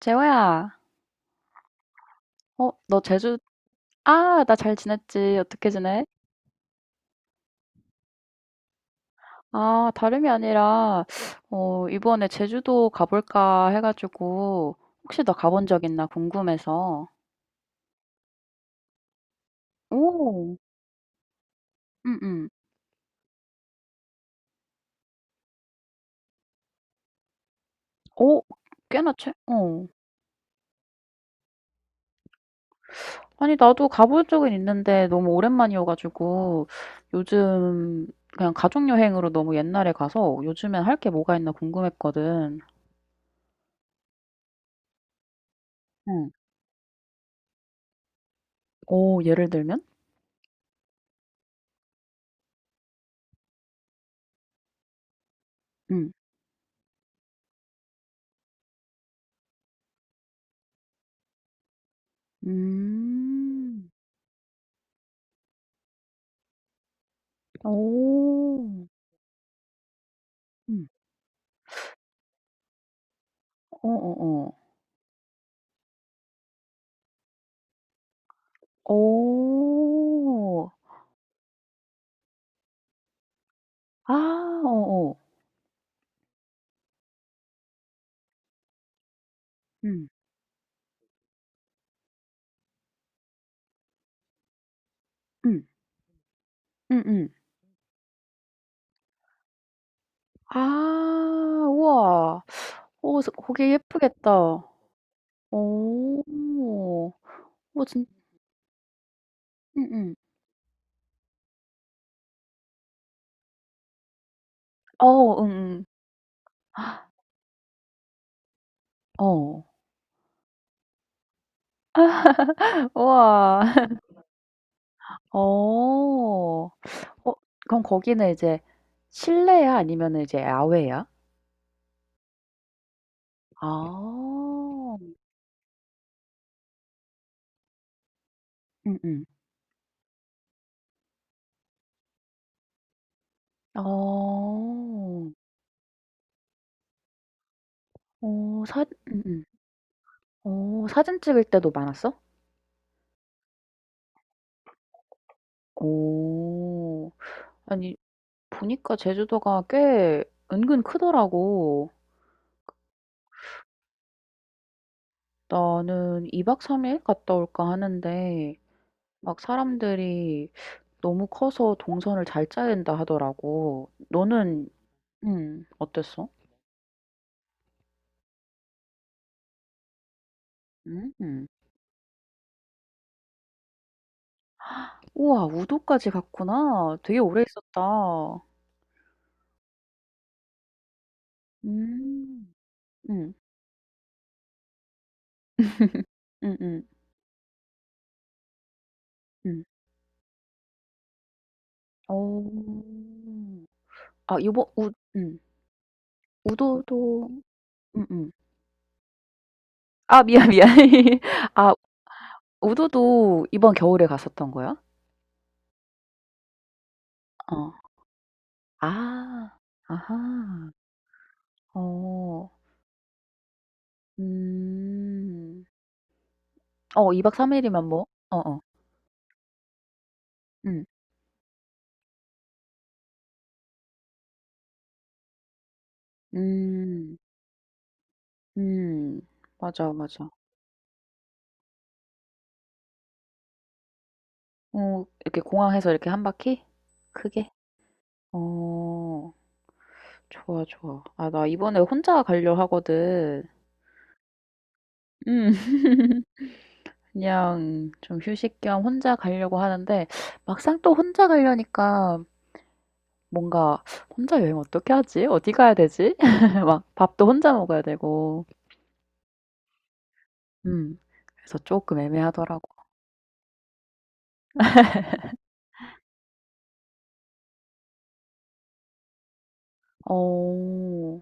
재호야, 너 제주. 아, 나 잘 지냈지. 어떻게 지내? 아, 다름이 아니라, 이번에 제주도 가볼까 해가지고, 혹시 너 가본 적 있나 궁금해서. 오, 응, 응. 오, 꽤나 최, 어. 아니, 나도 가본 적은 있는데, 너무 오랜만이어가지고, 요즘, 그냥 가족여행으로 너무 옛날에 가서, 요즘엔 할 게 뭐가 있나 궁금했거든. 응. 오, 예를 들면? 응. 음. 오 음. 어어어. 어. 아 어어. 음. 음. 음음. 아 우와. 어 저 거기 예쁘겠다. 어. 어 진 음음. 어 음음. 어. 우와. 어. 어 그럼 거기는 이제 실내야? 아니면은 이제 야외야? 아. 음음. 어. 어 사 음음. 어 사진 찍을 때도 많았어? 오오 아니 보니까 제주도가 꽤 은근 크더라고. 나는 2박 3일 갔다 올까 하는데 막 사람들이 "너무 커서 동선을 잘 짜야 된다." 하더라고. 너는 어땠어? 음. 음. 우와, 우도까지 갔구나. 되게 오래 있었다. 음. 음. 음음. 음. 음. 어. 아 요번 우 음. 우도도 음음. 아 미안, 미안. 아 우도도 이번 겨울에 갔었던 거야? 어. 아. 아하. 어. 음. 어 2박 3 일이면 뭐 어어. 음. 음. 음. 맞아, 맞아. 어 이렇게 공항에서 이렇게 한 바퀴? 크게? 어. 좋아, 좋아. 아 나 이번에 혼자 가려 하거든. 음. 그냥 좀 휴식 겸 혼자 가려고 하는데 막상 또 혼자 가려니까 뭔가 '혼자 여행 어떻게 하지? 어디 가야 되지?' 막 밥도 혼자 먹어야 되고. 음. 그래서 조금 애매하더라고오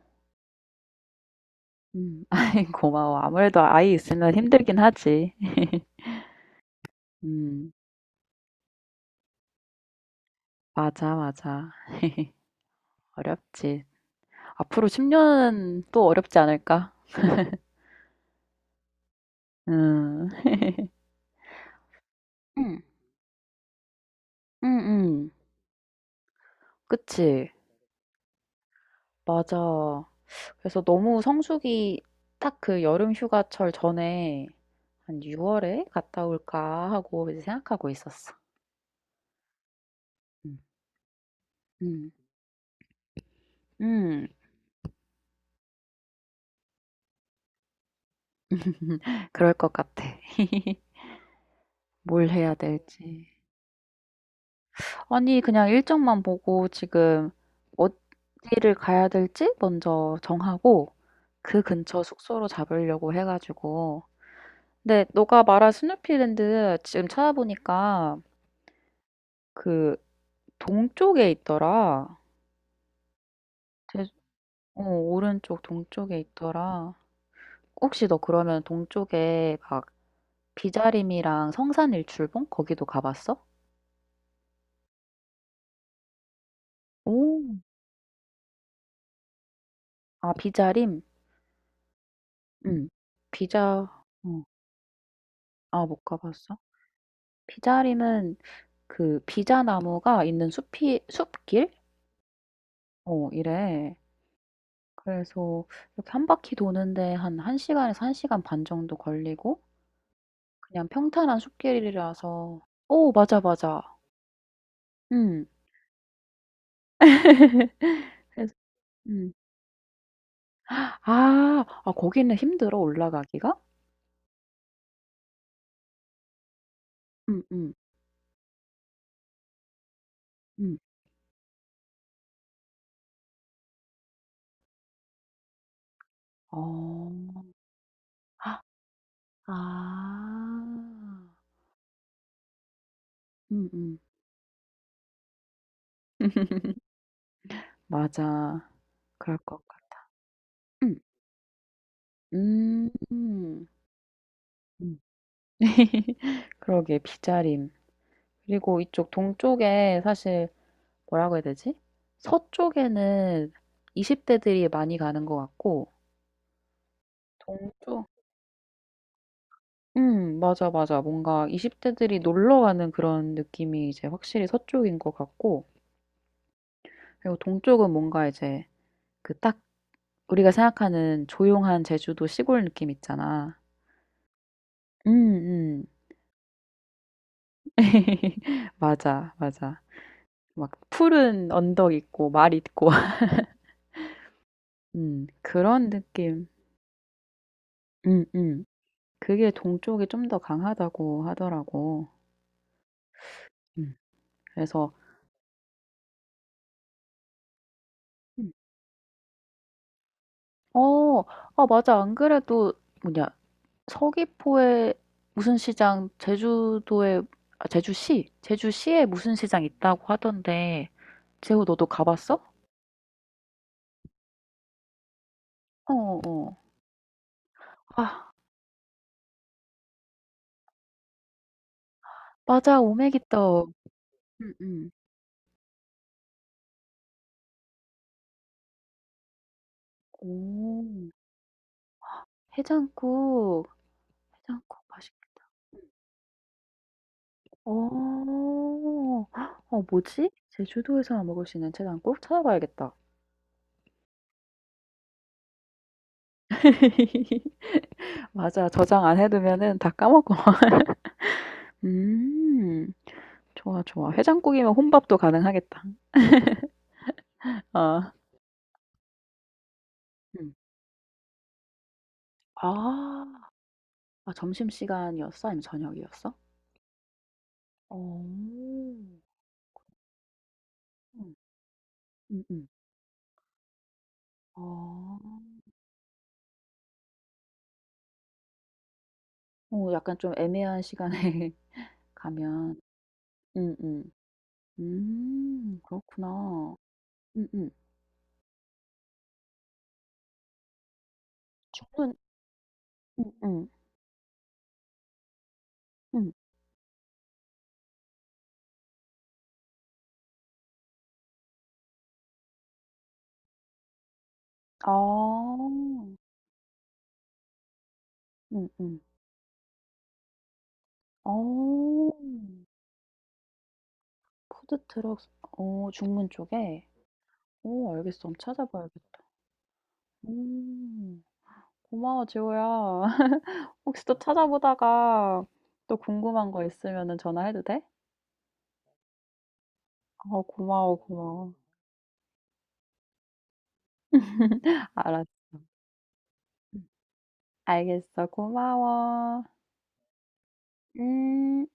어. 음. 아이, 고마워. 아무래도 아이 있으면 힘들긴 하지. 음. 맞아, 맞아. 어렵지. 앞으로 10 년은 또 어렵지 않을까? 음. 음. 음음. 그치. 맞아. 그래서 너무 성수기 딱 그 여름 휴가철 전에 한 6월에 갔다 올까 하고 이제 생각하고 있었어. 음, 음, 음. 그럴 것 같아. 뭘 해야 될지. 아니, 그냥 일정만 보고 지금 어디를 가야 될지 먼저 정하고 그 근처 숙소로 잡으려고 해가지고. 근데 너가 말한 스누피랜드 지금 찾아보니까 그 동쪽에 있더라. 제- 어, 오른쪽 동쪽에 있더라. 혹시 너 그러면 동쪽에 막 비자림이랑 성산일출봉 거기도 가봤어? 오, 아, 비자림? 응. 비자, 어. 아, 못 가봤어? 비자림은 그 비자나무가 있는 숲이, 숲길? 어, 이래. 그래서 이렇게 한 바퀴 도는데 한 1시간에서 1시간 반 정도 걸리고 그냥 평탄한 숲길이라서, 오, 맞아, 맞아. 응. 그래서, 음. 아, 아, 거기는 힘들어, 올라가기가? 응, 응, 응. 어, 아, 아. 음음. 맞아. 그럴 것 같아. 음. 음. 음. 음. 그러게, 비자림. 그리고 이쪽 동쪽에 사실 뭐라고 해야 되지? 서쪽에는 20 대들이 많이 가는 것 같고. 동쪽 맞아, 맞아. 뭔가 20 대들이 놀러 가는 그런 느낌이 이제 확실히 서쪽인 것 같고, 그리고 동쪽은 뭔가 이제 그딱 우리가 생각하는 조용한 제주도 시골 느낌 있잖아. 음, 음. 맞아, 맞아. 막 푸른 언덕 있고 말 있고. 그런 느낌. 음, 음. 그게 동쪽이 좀 더 강하다고 하더라고. 음. 그래서 음. 어, 아 맞아. 안 그래도 뭐냐, 서귀포에 무슨 시장, 제주도에, 아, 제주시에 무슨 시장 있다고 하던데. 재호, 너도 가봤어? 어, 어. 어. 맞아. 오메기떡. 음음. 오. 해장국. 해장국 맛있겠다. 어. 헉, 어 뭐지? 제주도에서만 먹을 수 있는 해장국? 찾아봐야겠다. 맞아. 저장 안 해 두면은 다 까먹어. 음. 좋아, 좋아. 해장국이면 혼밥도 가능하겠다. 아. 음. 아. 아 점심시간이었어? 아니면 저녁이었어? 어. 음. 음음. 어. 어 약간 좀 애매한 시간에 가면 음음. 그렇구나. 음음. 저는 음음. 음. 음. 아. 음음. 어. 푸드트럭, 어 중문 쪽에? 오, 알겠어. 한번 찾아봐야겠다. 음. 고마워, 지호야. 혹시 또 찾아보다가 또 궁금한 거 있으면은 전화해도 돼? 어, 고마워, 고마워. 알았어. 응. 알겠어. 고마워. 음.